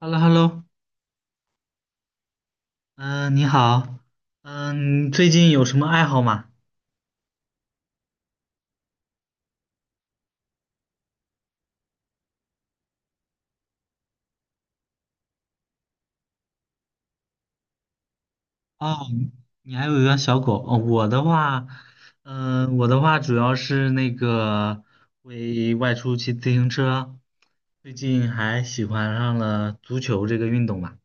h e l l o h e l l o 嗯，你好，嗯，你最近有什么爱好吗？哦，你还有一个小狗，哦，我的话主要是那个会外出骑自行车，最近还喜欢上了足球这个运动吧。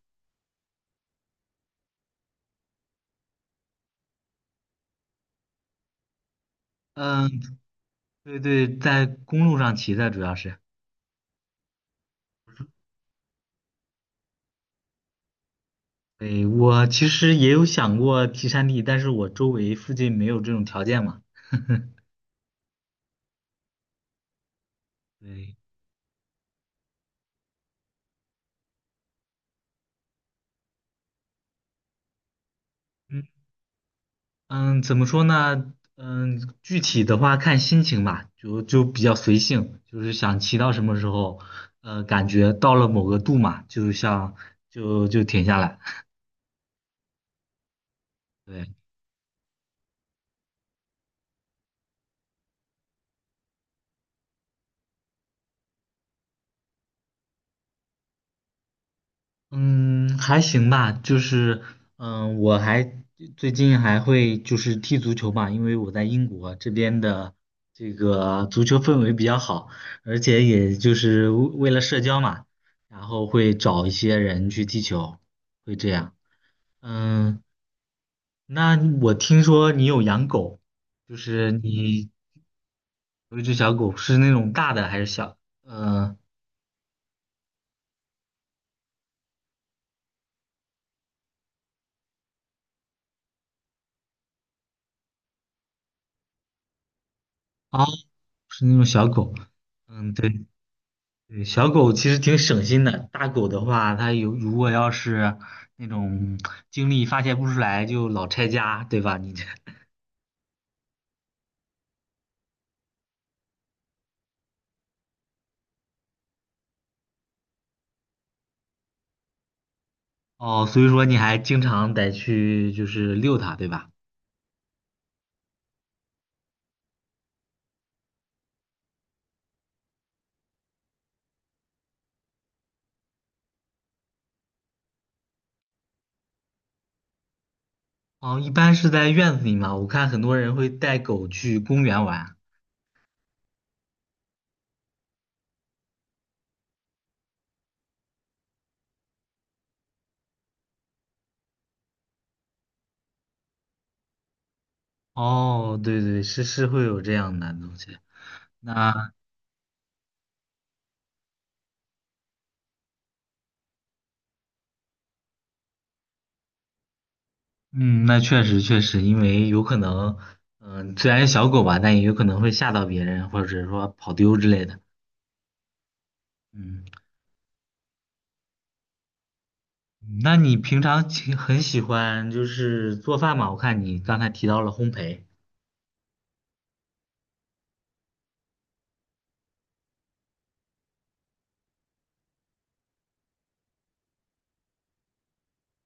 嗯，对对，在公路上骑的主要是。对，我其实也有想过骑山地，但是我周围附近没有这种条件嘛。对。嗯。嗯，怎么说呢？嗯，具体的话看心情吧，就比较随性，就是想骑到什么时候，感觉到了某个度嘛，就像就停下来。对，嗯，还行吧，就是嗯，我还最近还会就是踢足球嘛，因为我在英国这边的这个足球氛围比较好，而且也就是为了社交嘛，然后会找一些人去踢球，会这样。嗯，那我听说你有养狗，就是你有一只小狗，是那种大的还是小？呃，哦，是那种小狗。嗯，对对，小狗其实挺省心的。大狗的话，它有如果要是那种精力发泄不出来，就老拆家，对吧？你这。哦，所以说你还经常得去就是遛它，对吧？哦，一般是在院子里嘛，我看很多人会带狗去公园玩。哦，对对，是会有这样的东西。那嗯，那确实确实，因为有可能，虽然是小狗吧，但也有可能会吓到别人，或者说跑丢之类的。嗯，那你平常其很喜欢就是做饭嘛？我看你刚才提到了烘焙。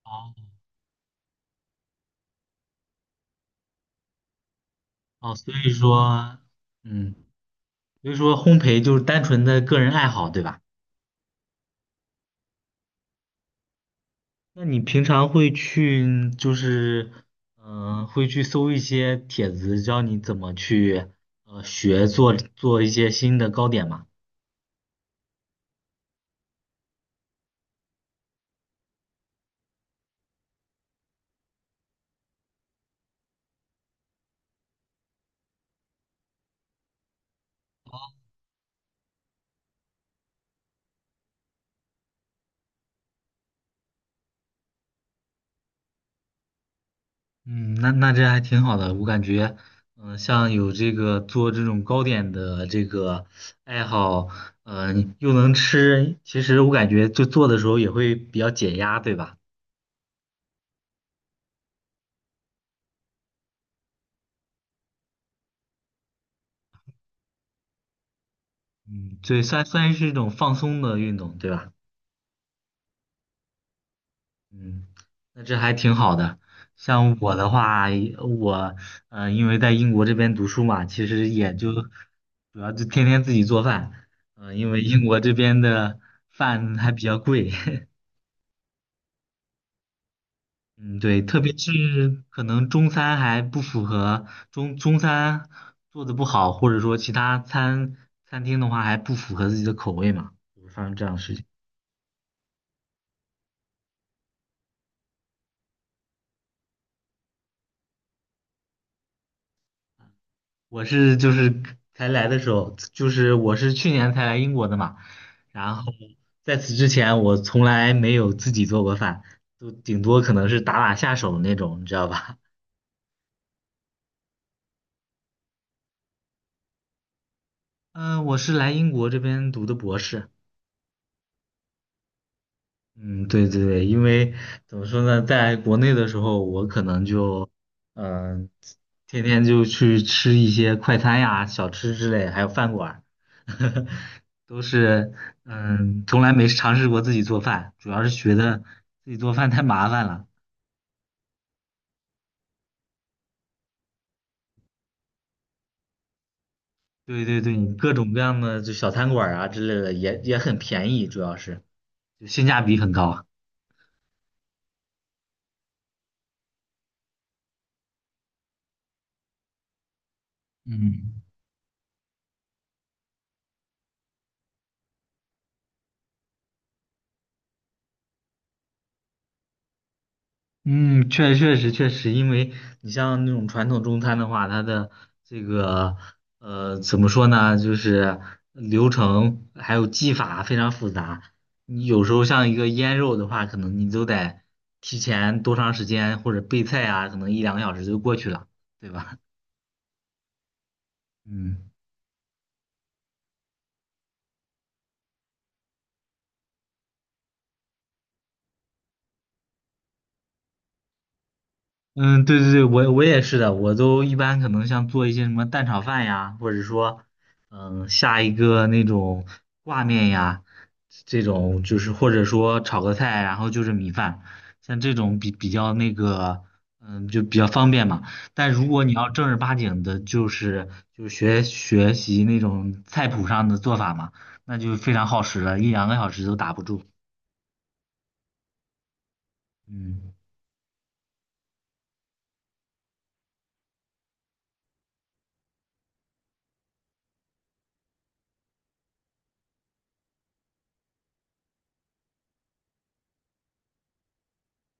哦哦，嗯，所以说烘焙就是单纯的个人爱好，对吧？那你平常会去就是，嗯、会去搜一些帖子，教你怎么去学做一些新的糕点吗？嗯，那这还挺好的，我感觉，像有这个做这种糕点的这个爱好，又能吃，其实我感觉就做的时候也会比较解压，对吧？嗯，对，算是一种放松的运动，对吧？嗯，那这还挺好的。像我的话，我因为在英国这边读书嘛，其实也就主要就天天自己做饭，因为英国这边的饭还比较贵。嗯，对，特别是可能中餐还不符合中餐做的不好，或者说其他餐厅的话还不符合自己的口味嘛，就会发生这样的事情。我是就是才来的时候，就是我是去年才来英国的嘛，然后在此之前我从来没有自己做过饭，都顶多可能是打打下手那种，你知道吧？嗯，我是来英国这边读的博士。嗯，对对对，因为怎么说呢，在国内的时候，我可能就，嗯、天天就去吃一些快餐呀、小吃之类，还有饭馆儿，都是，从来没尝试过自己做饭，主要是觉得自己做饭太麻烦了。对对对，各种各样的就小餐馆儿啊之类的，也很便宜，主要是就性价比很高。嗯。嗯，确实，因为你像那种传统中餐的话，它的这个怎么说呢，就是流程还有技法非常复杂。你有时候像一个腌肉的话，可能你都得提前多长时间，或者备菜啊，可能一两个小时就过去了，对吧？嗯。嗯，对对对，我也是的，我都一般可能像做一些什么蛋炒饭呀，或者说，下一个那种挂面呀，这种就是或者说炒个菜，然后就是米饭，像这种比较那个，就比较方便嘛。但如果你要正儿八经的，就是就学习那种菜谱上的做法嘛，那就非常耗时了，一两个小时都打不住。嗯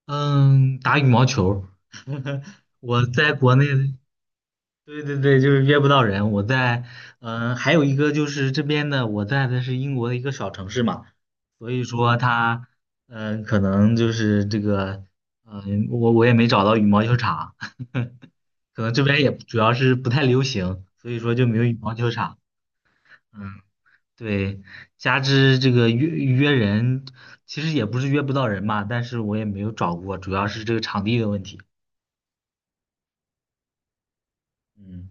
嗯，打羽毛球儿。我在国内，对对对，就是约不到人。我在，还有一个就是这边的，我在的是英国的一个小城市嘛，所以说他，可能就是这个，我也没找到羽毛球场，可能这边也主要是不太流行，所以说就没有羽毛球场。嗯，对，加之这个约约人，其实也不是约不到人嘛，但是我也没有找过，主要是这个场地的问题。嗯。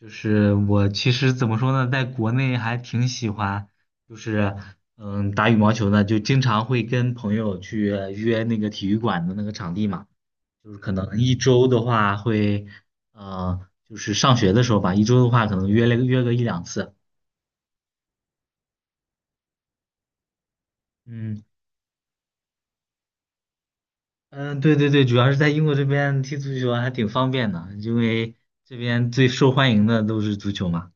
就是我其实怎么说呢，在国内还挺喜欢，就是打羽毛球的，就经常会跟朋友去约那个体育馆的那个场地嘛，就是可能一周的话会，呃，就是上学的时候吧，一周的话可能约了约个一两次。嗯嗯，对对对，主要是在英国这边踢足球还挺方便的，因为这边最受欢迎的都是足球嘛。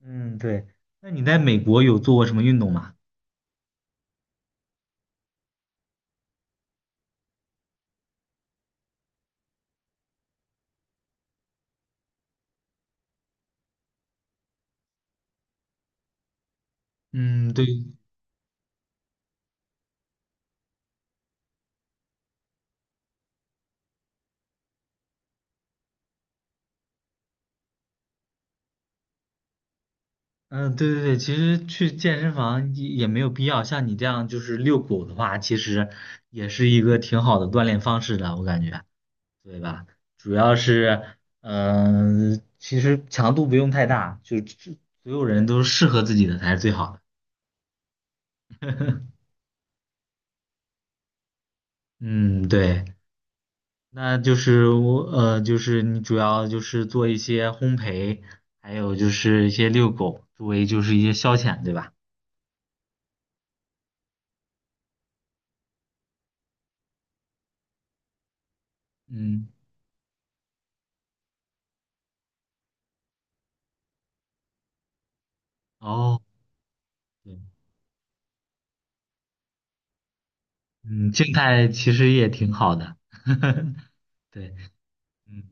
嗯，对。那你在美国有做过什么运动吗？嗯，对。嗯，对对对，其实去健身房也没有必要，像你这样就是遛狗的话，其实也是一个挺好的锻炼方式的，我感觉，对吧？主要是，其实强度不用太大，就所有人都适合自己的才是最好的。嗯，对，那就是你主要就是做一些烘焙，还有就是一些遛狗，作为就是一些消遣，对吧？嗯，哦。对嗯，静态其实也挺好的。对，嗯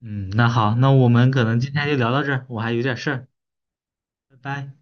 嗯，那好，那我们可能今天就聊到这儿，我还有点事儿，拜拜。